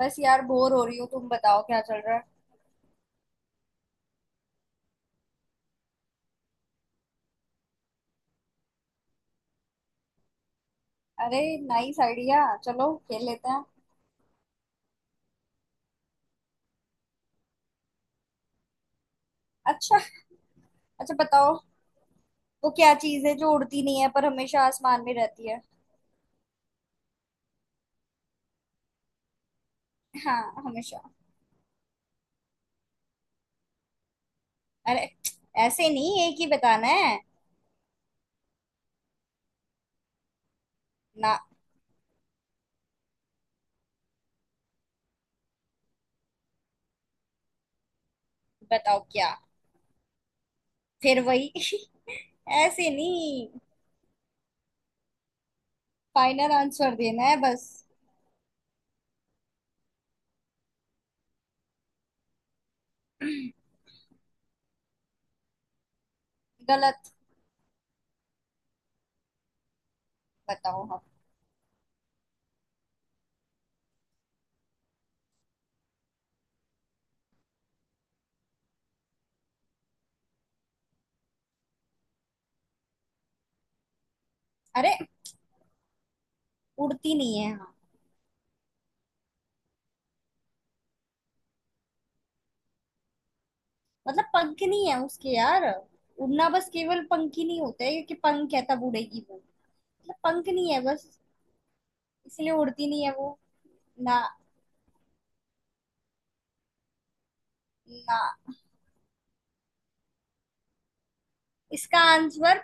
बस यार बोर हो रही हूँ। तुम बताओ, क्या चल रहा है? अरे, नाइस आइडिया, चलो खेल लेते हैं। अच्छा। अच्छा बताओ। वो क्या चीज है जो उड़ती नहीं है पर हमेशा आसमान में रहती है? हाँ, हमेशा। अरे, ऐसे नहीं, एक ही बताना है। ना। बताओ क्या। फिर वही। ऐसे नहीं। फाइनल आंसर देना है बस। गलत। बताओ हम। अरे, उड़ती नहीं है, हाँ। मतलब पंख नहीं है उसके, यार। उड़ना बस केवल पंख ही नहीं होते, क्योंकि पंख है तब उड़ेगी वो। पंख नहीं है बस। इसलिए उड़ती नहीं है वो। ना। ना। इसका आंसर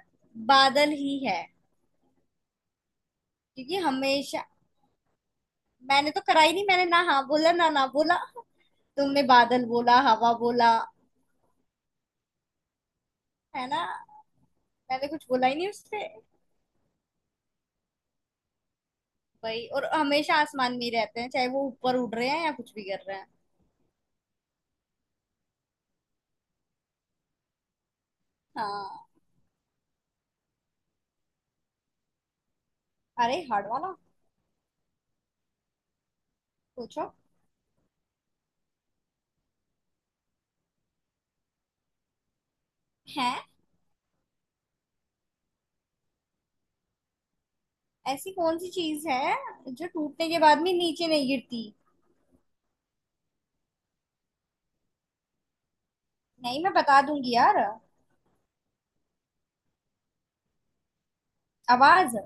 बादल ही है। क्योंकि हमेशा। मैंने तो कराई नहीं, मैंने ना हाँ बोला, ना ना बोला। तुमने बादल बोला, हवा बोला। है ना। मैंने कुछ बोला ही नहीं उससे। वही, और हमेशा आसमान में ही रहते हैं, चाहे वो ऊपर उड़ रहे हैं या कुछ भी कर रहे हैं। हाँ। अरे, हार्ड वाला। पूछो। है। ऐसी कौन सी चीज है जो टूटने के बाद भी नीचे नहीं गिरती? नहीं, मैं बता दूंगी यार। आवाज।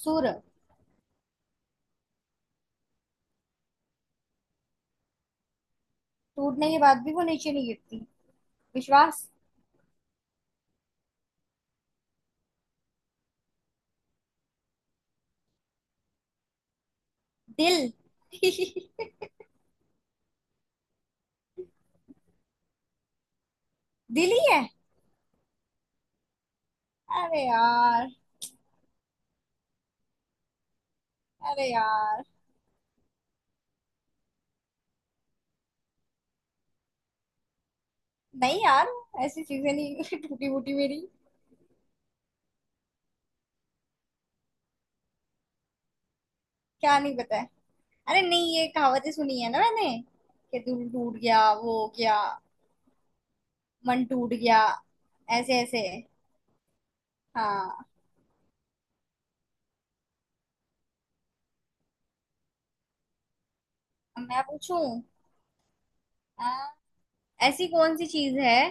सुर। टूटने के बाद भी वो नीचे नहीं गिरती। विश्वास। दिल। दिल ही है। अरे यार। अरे यार। नहीं यार, ऐसी चीजें नहीं। टूटी फूटी मेरी। क्या नहीं पता है। अरे नहीं, ये कहावतें सुनी है ना मैंने। कि दिल टूट गया, वो हो गया। मन टूट गया। ऐसे ऐसे। हाँ। अब मैं पूछूं। हाँ, ऐसी कौन सी चीज है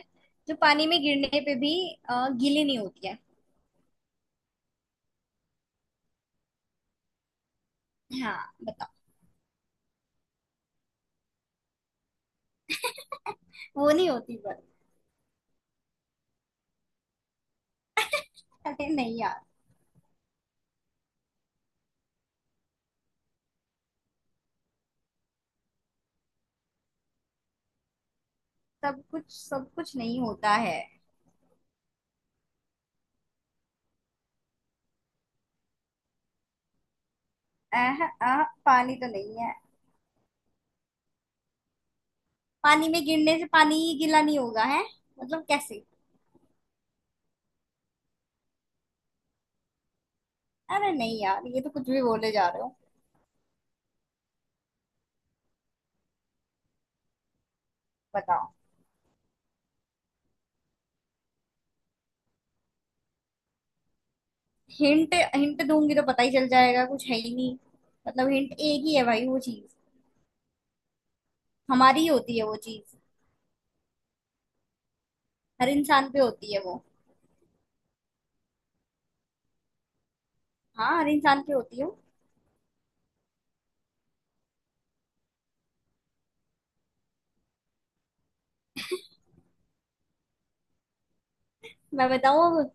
जो पानी में गिरने पे भी गीली नहीं होती है? हाँ बताओ। वो नहीं होती पर। अरे नहीं यार। सब कुछ, सब कुछ नहीं होता है। अह, अह, पानी तो नहीं है। पानी में गिरने से पानी गीला नहीं होगा, है? मतलब, कैसे? अरे नहीं यार, ये तो कुछ भी बोले जा रहे हो। बताओ। हिंट, हिंट दूंगी तो पता ही चल जाएगा, कुछ है ही नहीं। मतलब हिंट एक ही है भाई, वो चीज। हमारी ही होती है वो चीज। हर इंसान पे होती है वो। हाँ, हर इंसान पे होती है वो। मैं बताऊँ अब?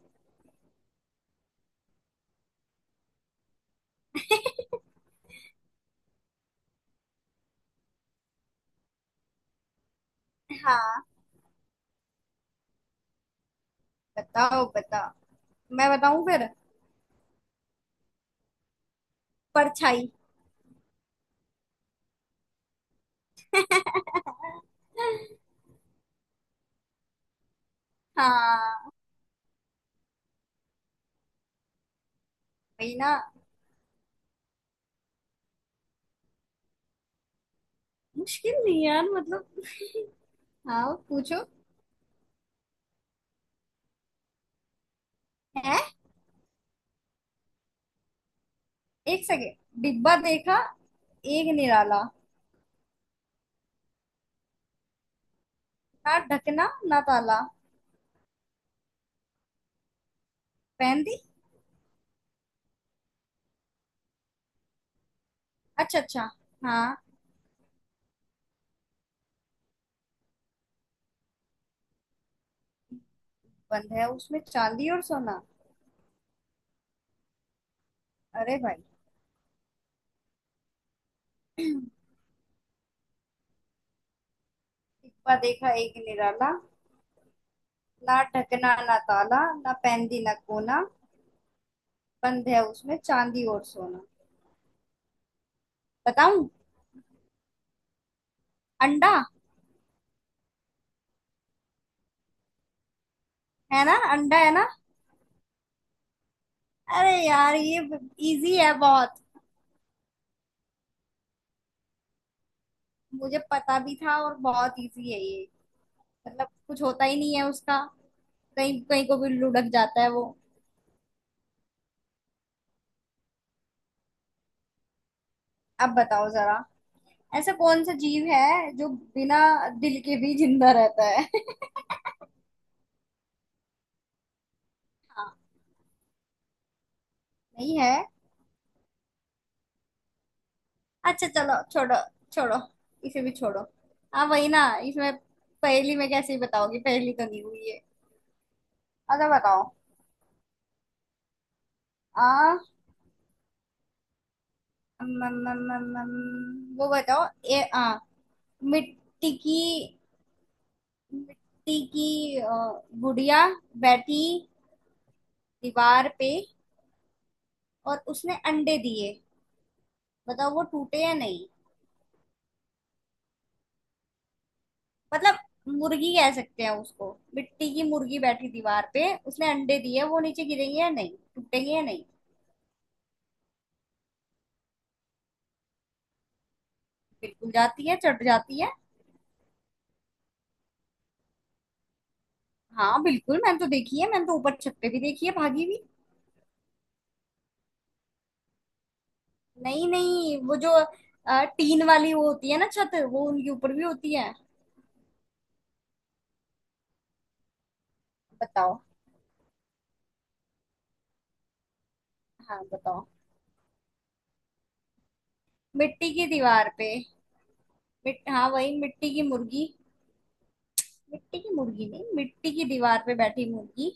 हाँ, बताओ बताओ। मैं बताऊं फिर। परछाई। हाँ वही ना। मुश्किल नहीं है यार, मतलब। हाँ, पूछो। है। एक सेकेंड। डिब्बा देखा एक निराला। ना ढकना ना ताला। पहन दी। अच्छा अच्छा। हाँ। बंद है उसमें चांदी और सोना। अरे भाई। डिब्बा देखा एक निराला, ना ढकना ना ताला, ना पहन दी ना कोना, बंद है उसमें चांदी और सोना। बताऊं। अंडा। है ना, अंडा है ना। अरे यार, ये इजी है बहुत। मुझे पता भी था, और बहुत इजी है ये। मतलब कुछ होता ही नहीं है उसका। कहीं कहीं को भी लुढ़क जाता है वो। अब बताओ जरा। ऐसा कौन सा जीव है जो बिना दिल के भी जिंदा रहता है? हाँ। नहीं है। अच्छा, चलो छोड़ो। छोड़ो, इसे भी छोड़ो। हाँ वही ना, इसमें। पहेली में कैसे ही बताओगे, पहेली तो नहीं हुई है। अच्छा बताओ। आ अम, अम, अम, अम, अम, वो बताओ। ए आ मिट्टी की मिट्टी की गुड़िया बैठी दीवार पे, और उसने अंडे दिए। बताओ वो टूटे या नहीं। मतलब मुर्गी कह सकते हैं उसको, मिट्टी की मुर्गी बैठी दीवार पे, उसने अंडे दिए, वो नीचे गिरेगी या नहीं, टूटेगी या नहीं? बिल्कुल जाती है, चढ़ जाती है। हाँ बिल्कुल, मैंने तो देखी है, मैंने तो ऊपर छत पे भी देखी है भागी हुई। नहीं नहीं, वो जो टीन वाली वो होती है ना छत, वो उनके ऊपर भी होती है। बताओ। हाँ बताओ। मिट्टी की दीवार पे। हाँ वही, मिट्टी की मुर्गी। मिट्टी की मुर्गी नहीं, मिट्टी की दीवार पे बैठी मुर्गी।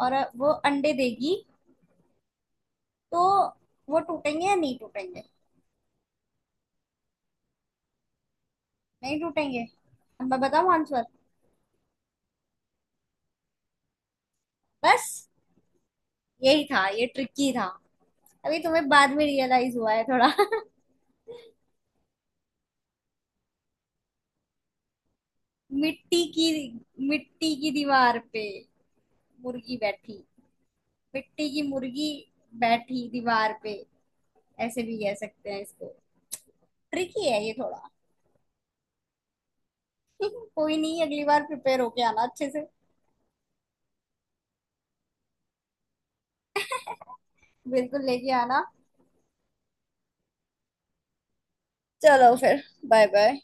और वो अंडे देगी तो वो टूटेंगे या नहीं टूटेंगे? नहीं टूटेंगे। अब मैं बताऊं आंसर। बस यही था, ये ट्रिकी था। अभी तुम्हें बाद में रियलाइज हुआ है थोड़ा। मिट्टी की, मिट्टी की दीवार पे मुर्गी बैठी। मिट्टी की मुर्गी बैठी दीवार पे, ऐसे भी कह सकते हैं इसको। ट्रिकी है ये थोड़ा। कोई नहीं, अगली बार प्रिपेयर होके आना अच्छे से। बिल्कुल लेके आना। चलो फिर। Bye bye.